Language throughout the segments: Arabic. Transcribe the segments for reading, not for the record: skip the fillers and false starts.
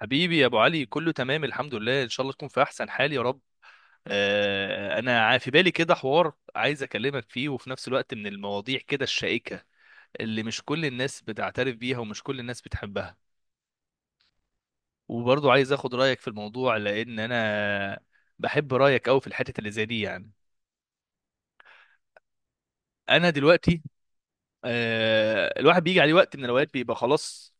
حبيبي يا ابو علي، كله تمام، الحمد لله. ان شاء الله تكون في احسن حال يا رب. في بالي كده حوار عايز اكلمك فيه، وفي نفس الوقت من المواضيع كده الشائكة اللي مش كل الناس بتعترف بيها ومش كل الناس بتحبها. وبرضه عايز اخد رايك في الموضوع، لان انا بحب رايك قوي في الحتة اللي زي دي يعني. انا دلوقتي الواحد بيجي عليه وقت من الاوقات بيبقى خلاص،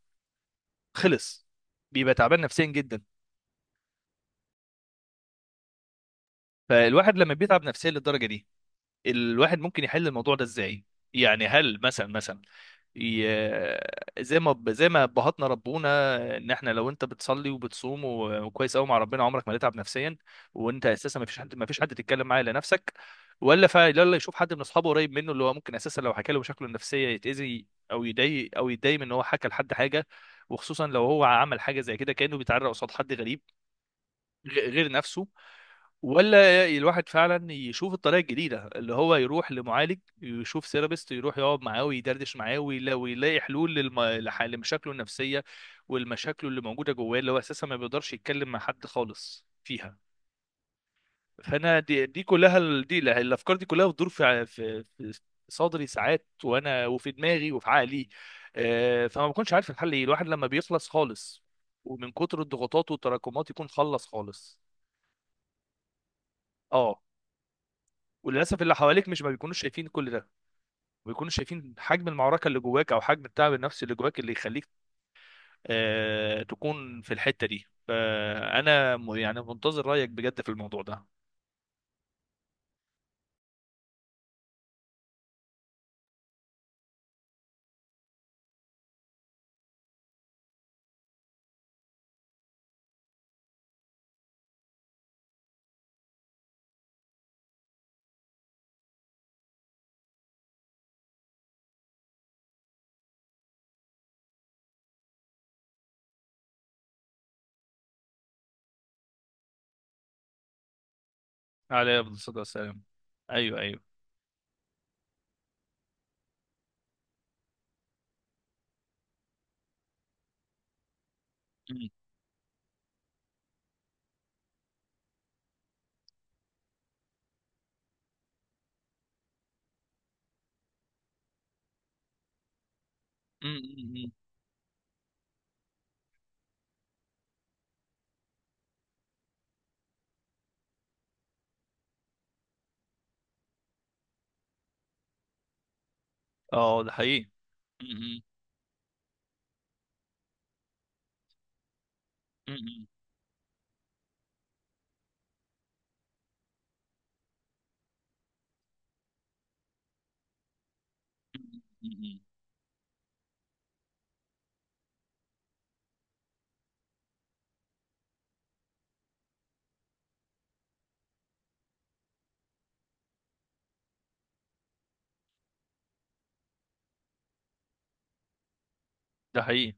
خلص، بيبقى تعبان نفسيا جدا. فالواحد لما بيتعب نفسيا للدرجة دي، الواحد ممكن يحل الموضوع ده ازاي؟ يعني هل مثلا زي ما ابهاتنا ربونا، ان احنا لو انت بتصلي وبتصوم وكويس قوي مع ربنا عمرك ما تتعب نفسيا، وانت اساسا ما فيش حد، تتكلم معاه الا نفسك، ولا يشوف حد من اصحابه قريب منه، اللي هو ممكن اساسا لو حكى له مشاكله النفسيه يتاذي او يضايق او يتضايق من ان هو حكى لحد حاجه، وخصوصا لو هو عمل حاجه زي كده كانه بيتعرى قصاد حد غريب غير نفسه. ولا الواحد فعلا يشوف الطريقه الجديده اللي هو يروح لمعالج، يشوف سيرابيست، يروح يقعد معاه ويدردش معاه ويلاقي حلول لمشاكله النفسيه والمشاكل اللي موجوده جواه، اللي هو اساسا ما بيقدرش يتكلم مع حد خالص فيها. فانا دي, دي كلها ال- دي لا- الافكار دي كلها بتدور في في صدري ساعات، وانا وفي دماغي وفي عقلي. فما بكونش عارف الحل ايه. الواحد لما بيخلص خالص ومن كتر الضغوطات والتراكمات يكون خلص خالص. اه. وللاسف اللي حواليك مش ما بيكونوش شايفين كل ده، ما بيكونوش شايفين حجم المعركه اللي جواك او حجم التعب النفسي اللي جواك، اللي يخليك تكون في الحته دي. فانا يعني منتظر رايك بجد في الموضوع ده. عليه افضل الصلاه والسلام. ايوه، ايوه. م- م. اه، ده حقيقي. م- م- م- م- م. ده حقيقي.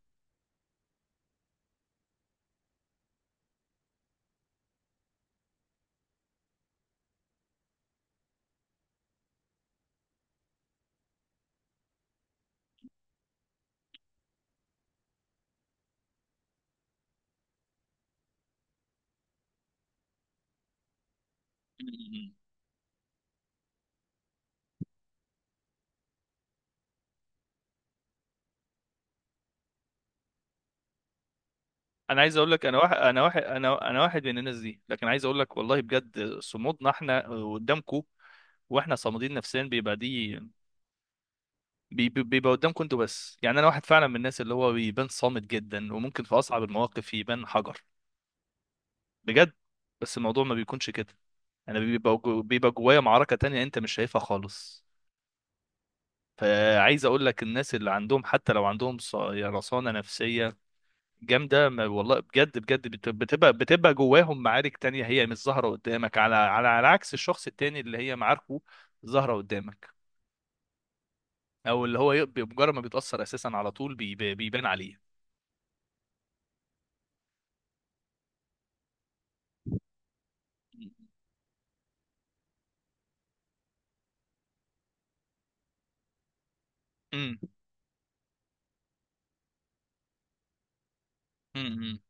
م. انا عايز اقول لك، انا واحد انا واحد انا انا واحد من الناس دي، لكن عايز اقول لك والله بجد، صمودنا احنا قدامكم. واحنا صامدين نفسيا بيبقى دي، بيبقى قدامكم انتوا بس، يعني انا واحد فعلا من الناس اللي هو بيبان صامت جدا، وممكن في اصعب المواقف يبان حجر، بجد. بس الموضوع ما بيكونش كده. انا بيبقى جوايا معركة تانية انت مش شايفها خالص. فعايز اقول لك، الناس اللي عندهم حتى لو عندهم رصانة نفسية جامدة، ما والله بجد بجد بتبقى جواهم معارك تانية هي مش ظاهرة قدامك، على عكس الشخص التاني اللي هي معاركه ظاهرة قدامك، او اللي هو بمجرد ما بيتأثر اساسا على طول بيبان عليه. امم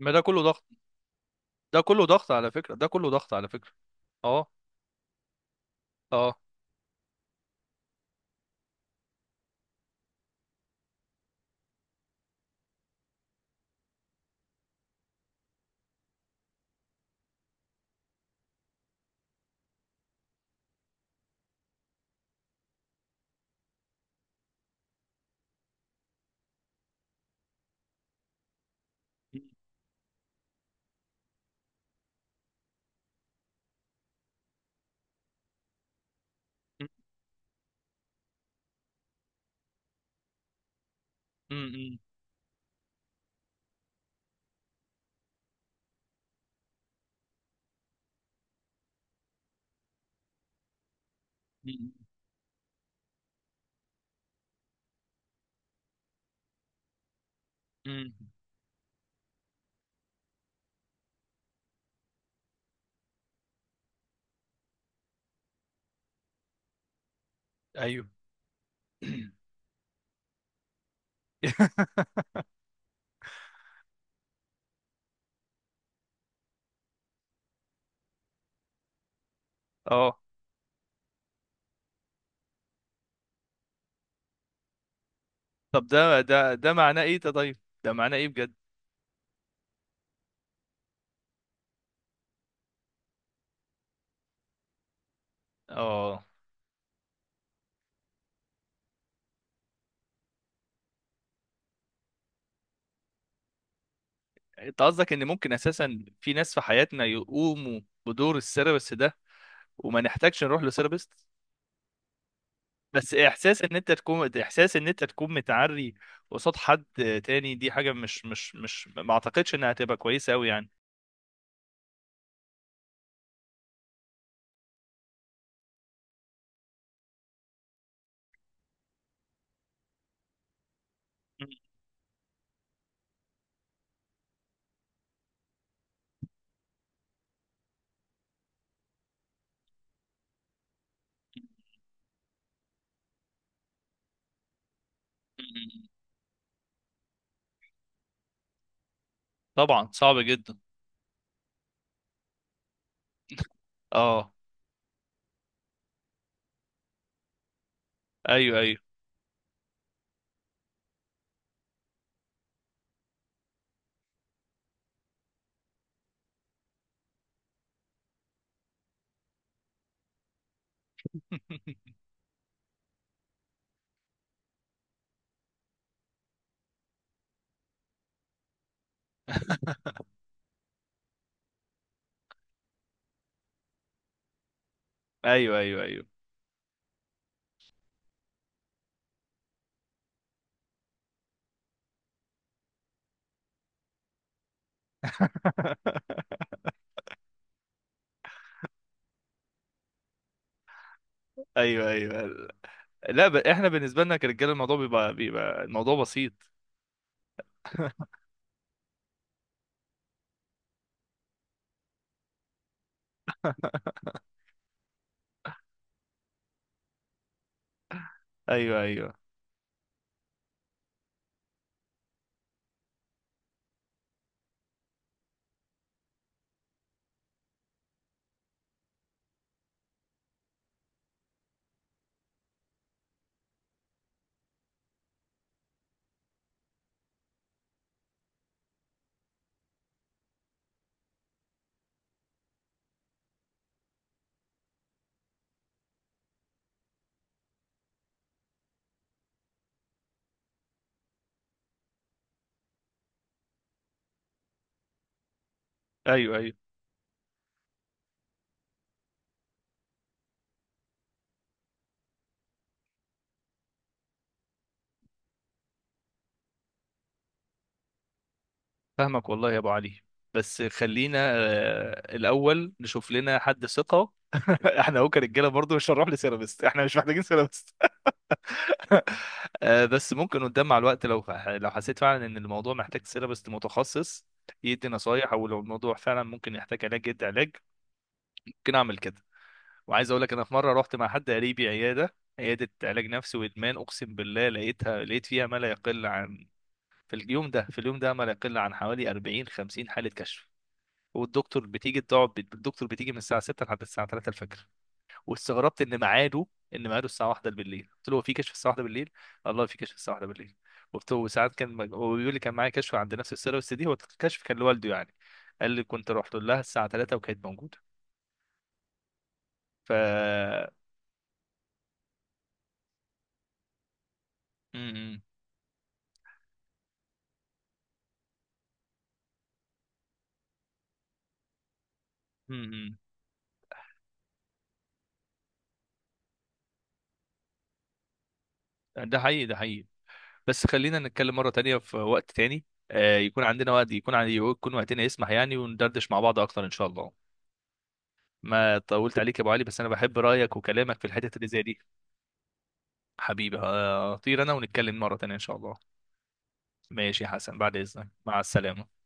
ما ده كله ضغط، ده كله ضغط على فكرة، ده كله ضغط على فكرة. اه اه. امم امم. ايوه. اه. طب ده معناه ايه ده؟ طيب، ده معناه ايه بجد؟ اه. انت قصدك ان ممكن اساسا في ناس في حياتنا يقوموا بدور السيرابست ده، وما نحتاجش نروح لسيرابست؟ بس احساس ان انت تكون، احساس ان انت تكون متعري قصاد حد تاني، دي حاجة مش، ما اعتقدش انها هتبقى كويسة قوي يعني. مم. طبعا صعبة جدا. اه. ايوه، ايوه. ايوه، ايوه، ايوه. ايوه، ايوه. لا، احنا بالنسبة لنا كرجاله الموضوع بيبقى، الموضوع بسيط. ايوه، ايوه، ايوه، ايوه. فاهمك والله يا ابو علي. بس خلينا الاول نشوف لنا حد ثقة. احنا هو كرجاله برضه مش هنروح لسيرابيست، احنا مش محتاجين سيرابيست. بس ممكن قدام مع الوقت، لو حسيت فعلا ان الموضوع محتاج سيرابست متخصص يدي نصايح، او لو الموضوع فعلا ممكن يحتاج علاج يدي علاج. ممكن اعمل كده. وعايز اقول لك، انا في مره رحت مع حد قريبي عياده، علاج نفسي وادمان، اقسم بالله لقيتها، لقيت فيها ما لا يقل عن، في اليوم ده، ما لا يقل عن حوالي 40 50 حاله كشف. والدكتور بتيجي تقعد، الدكتور بتيجي من الساعه 6 لحد الساعه 3 الفجر. واستغربت ان ميعاده، الساعه 1 بالليل. قلت له: هو في كشف الساعه 1 بالليل؟ الله، في كشف الساعه 1 بالليل! قلت له. وساعات كان هو بيقول لي كان معايا كشف عند نفس السيره، بس دي هو الكشف كان لوالده يعني. قال لي: كنت رحت لها الساعه 3 وكانت موجوده. ف م- م- م. ده حقيقي، ده حقيقي. بس خلينا نتكلم مره تانية في وقت تاني، يكون عندنا وقت، يكون عندي، يكون وقتنا يسمح يعني، وندردش مع بعض اكتر ان شاء الله. ما طولت عليك يا ابو علي، بس انا بحب رايك وكلامك في الحتت اللي زي دي. حبيبي، هطير انا، ونتكلم مره تانية ان شاء الله. ماشي يا حسن، بعد إذنك، مع السلامة.